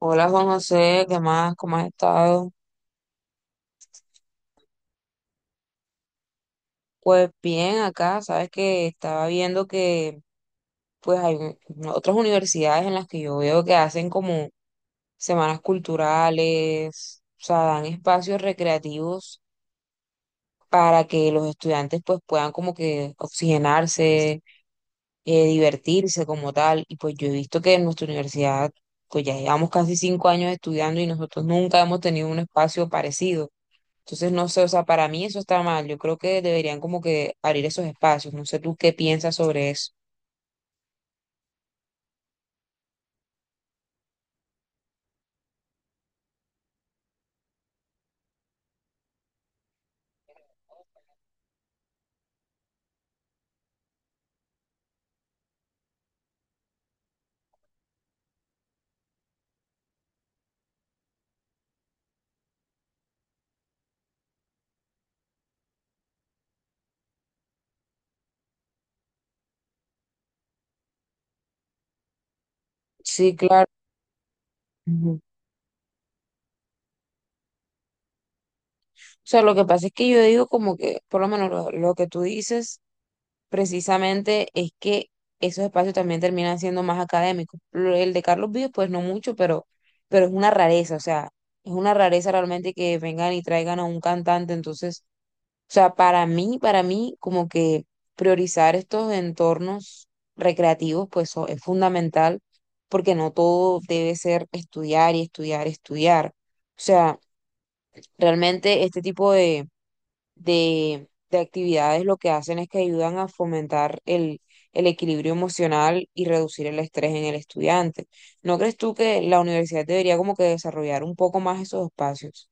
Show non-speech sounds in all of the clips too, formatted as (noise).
Hola Juan José, ¿qué más? ¿Cómo has estado? Pues bien, acá, sabes que estaba viendo que pues hay otras universidades en las que yo veo que hacen como semanas culturales, o sea, dan espacios recreativos para que los estudiantes pues puedan como que oxigenarse, divertirse como tal. Y pues yo he visto que en nuestra universidad pues ya llevamos casi 5 años estudiando y nosotros nunca hemos tenido un espacio parecido. Entonces, no sé, o sea, para mí eso está mal. Yo creo que deberían como que abrir esos espacios. No sé tú qué piensas sobre eso. Sí, claro. Ujú. O sea, lo que pasa es que yo digo como que, por lo menos lo que tú dices precisamente es que esos espacios también terminan siendo más académicos. El de Carlos Vives, pues no mucho, pero es una rareza, o sea, es una rareza realmente que vengan y traigan a un cantante. Entonces, o sea, para mí, como que priorizar estos entornos recreativos, pues es fundamental, porque no todo debe ser estudiar y estudiar, estudiar. O sea, realmente este tipo de, de actividades lo que hacen es que ayudan a fomentar el equilibrio emocional y reducir el estrés en el estudiante. ¿No crees tú que la universidad debería como que desarrollar un poco más esos espacios?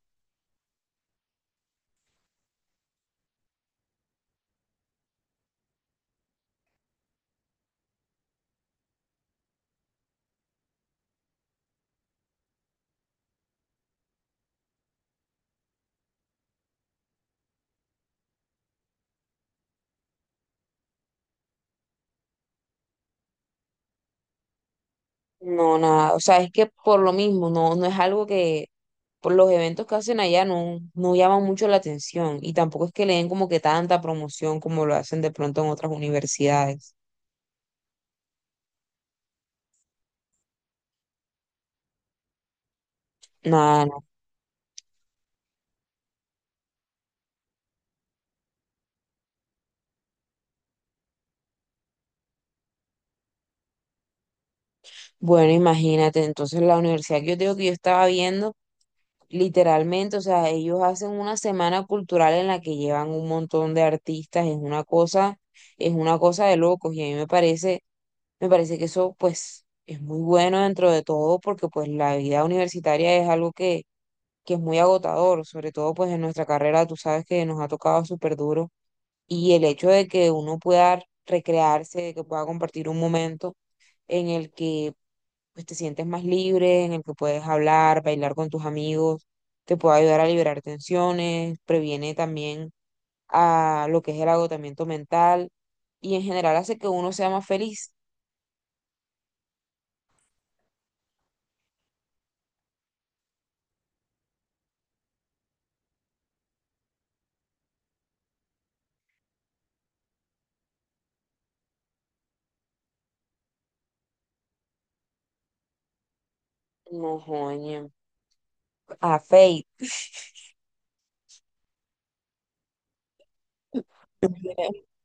No, nada, o sea, es que por lo mismo, no, no es algo que por los eventos que hacen allá no, no llaman mucho la atención y tampoco es que le den como que tanta promoción como lo hacen de pronto en otras universidades. Nada, no. Bueno, imagínate, entonces la universidad que yo te digo que yo estaba viendo, literalmente, o sea, ellos hacen una semana cultural en la que llevan un montón de artistas, es una cosa de locos y a mí me parece que eso pues es muy bueno dentro de todo porque pues la vida universitaria es algo que es muy agotador, sobre todo pues en nuestra carrera tú sabes que nos ha tocado súper duro y el hecho de que uno pueda recrearse, de que pueda compartir un momento en el que pues te sientes más libre, en el que puedes hablar, bailar con tus amigos, te puede ayudar a liberar tensiones, previene también a lo que es el agotamiento mental y en general hace que uno sea más feliz. No, joña, a Fate. (laughs)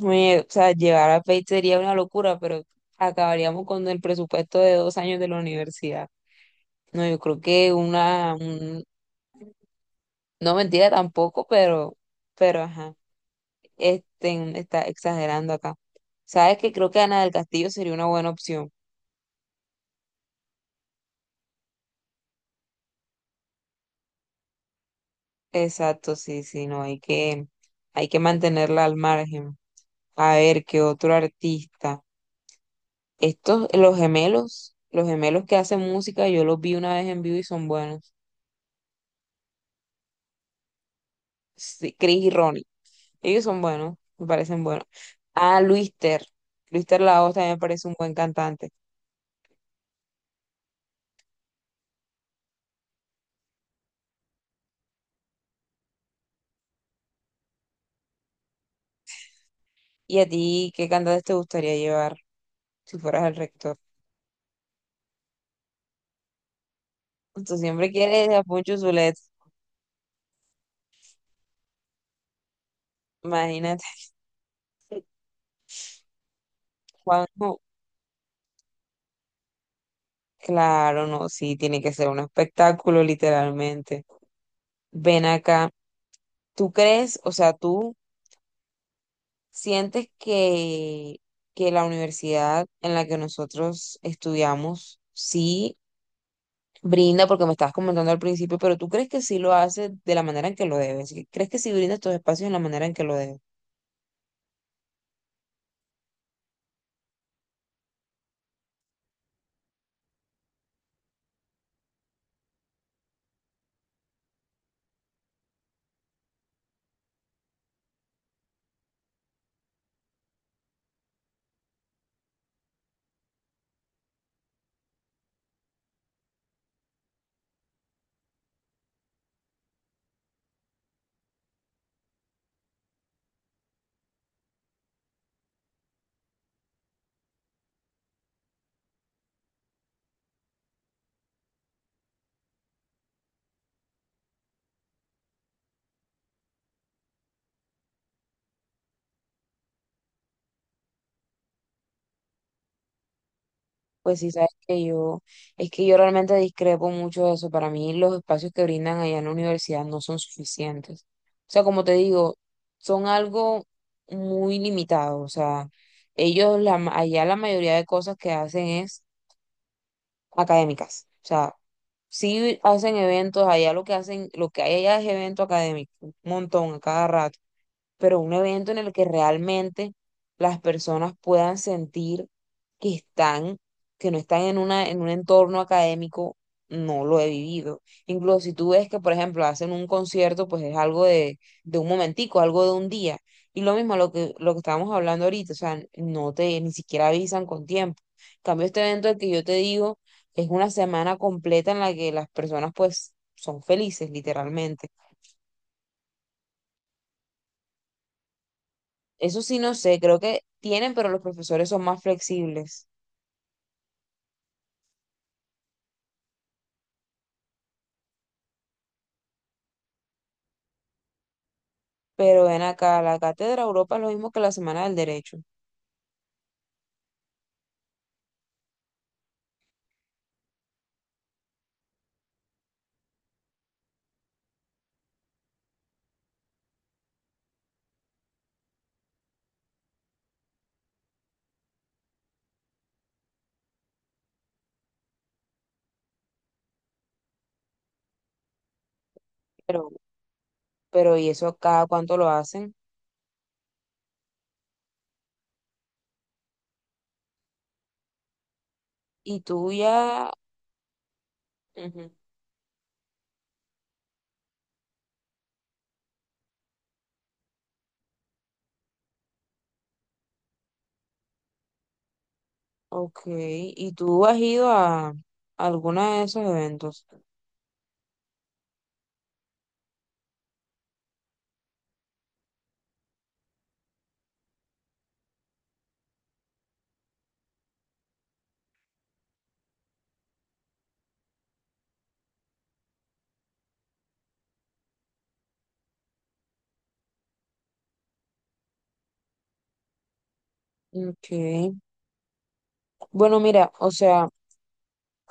O sea, llevar a Fate sería una locura, pero acabaríamos con el presupuesto de 2 años de la universidad. No, yo creo que no, mentira tampoco, pero ajá, está exagerando acá. Sabes que creo que Ana del Castillo sería una buena opción. Exacto, sí, sí, no, hay que mantenerla al margen. A ver, qué otro artista. Estos, los gemelos que hacen música, yo los vi una vez en vivo y son buenos. Sí, Chris y Ronnie. Ellos son buenos, me parecen buenos. Ah, Luis Ter Laos también me parece un buen cantante. ¿Y a ti qué cantantes te gustaría llevar si fueras el rector? Tú siempre quieres a Poncho Zulet. Imagínate, (laughs) Juanjo. Claro, no, sí, tiene que ser un espectáculo, literalmente. Ven acá. ¿Tú crees, o sea, tú sientes que la universidad en la que nosotros estudiamos sí brinda, porque me estabas comentando al principio, pero tú crees que sí lo hace de la manera en que lo debe? ¿Sí? ¿Crees que sí brinda estos espacios en la manera en que lo debe? Pues sí, sabes que es que yo realmente discrepo mucho de eso. Para mí los espacios que brindan allá en la universidad no son suficientes. O sea, como te digo, son algo muy limitado. O sea, ellos allá la mayoría de cosas que hacen es académicas. O sea, sí hacen eventos, allá lo que hacen, lo que hay allá es evento académico, un montón a cada rato, pero un evento en el que realmente las personas puedan sentir que están, que no están en una, en un entorno académico, no lo he vivido. Incluso si tú ves que, por ejemplo, hacen un concierto, pues es algo de un momentico, algo de un día. Y lo mismo lo que estábamos hablando ahorita, o sea, ni siquiera avisan con tiempo. En cambio, este evento del que yo te digo es una semana completa en la que las personas, pues, son felices, literalmente. Eso sí no sé, creo que tienen, pero los profesores son más flexibles. Pero ven acá, la Cátedra Europa es lo mismo que la Semana del Derecho. Pero, pero ¿y eso cada cuánto lo hacen? Y tú ya... Ujú. Ok, ¿y tú has ido a alguno de esos eventos? Ok. Bueno, mira, o sea...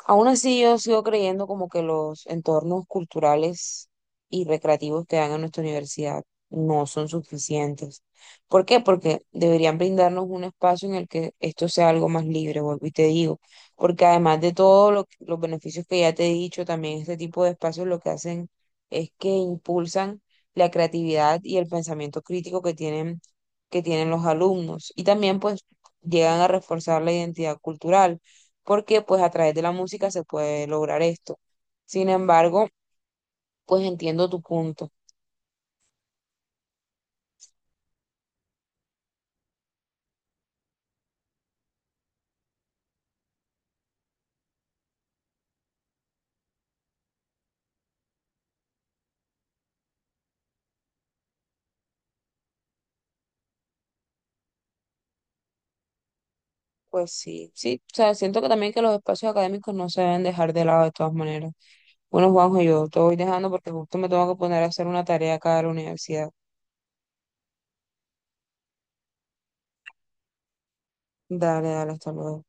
Aún así, yo sigo creyendo como que los entornos culturales y recreativos que dan a nuestra universidad no son suficientes. ¿Por qué? Porque deberían brindarnos un espacio en el que esto sea algo más libre, vuelvo y te digo, porque además de todos los beneficios que ya te he dicho, también este tipo de espacios lo que hacen es que impulsan la creatividad y el pensamiento crítico que tienen los alumnos y también pues llegan a reforzar la identidad cultural porque pues a través de la música se puede lograr esto. Sin embargo, pues entiendo tu punto. Pues sí, sí, o sea, siento que también que los espacios académicos no se deben dejar de lado de todas maneras. Bueno, Juanjo, yo te voy dejando porque justo me tengo que poner a hacer una tarea acá de la universidad. Dale, dale, hasta luego.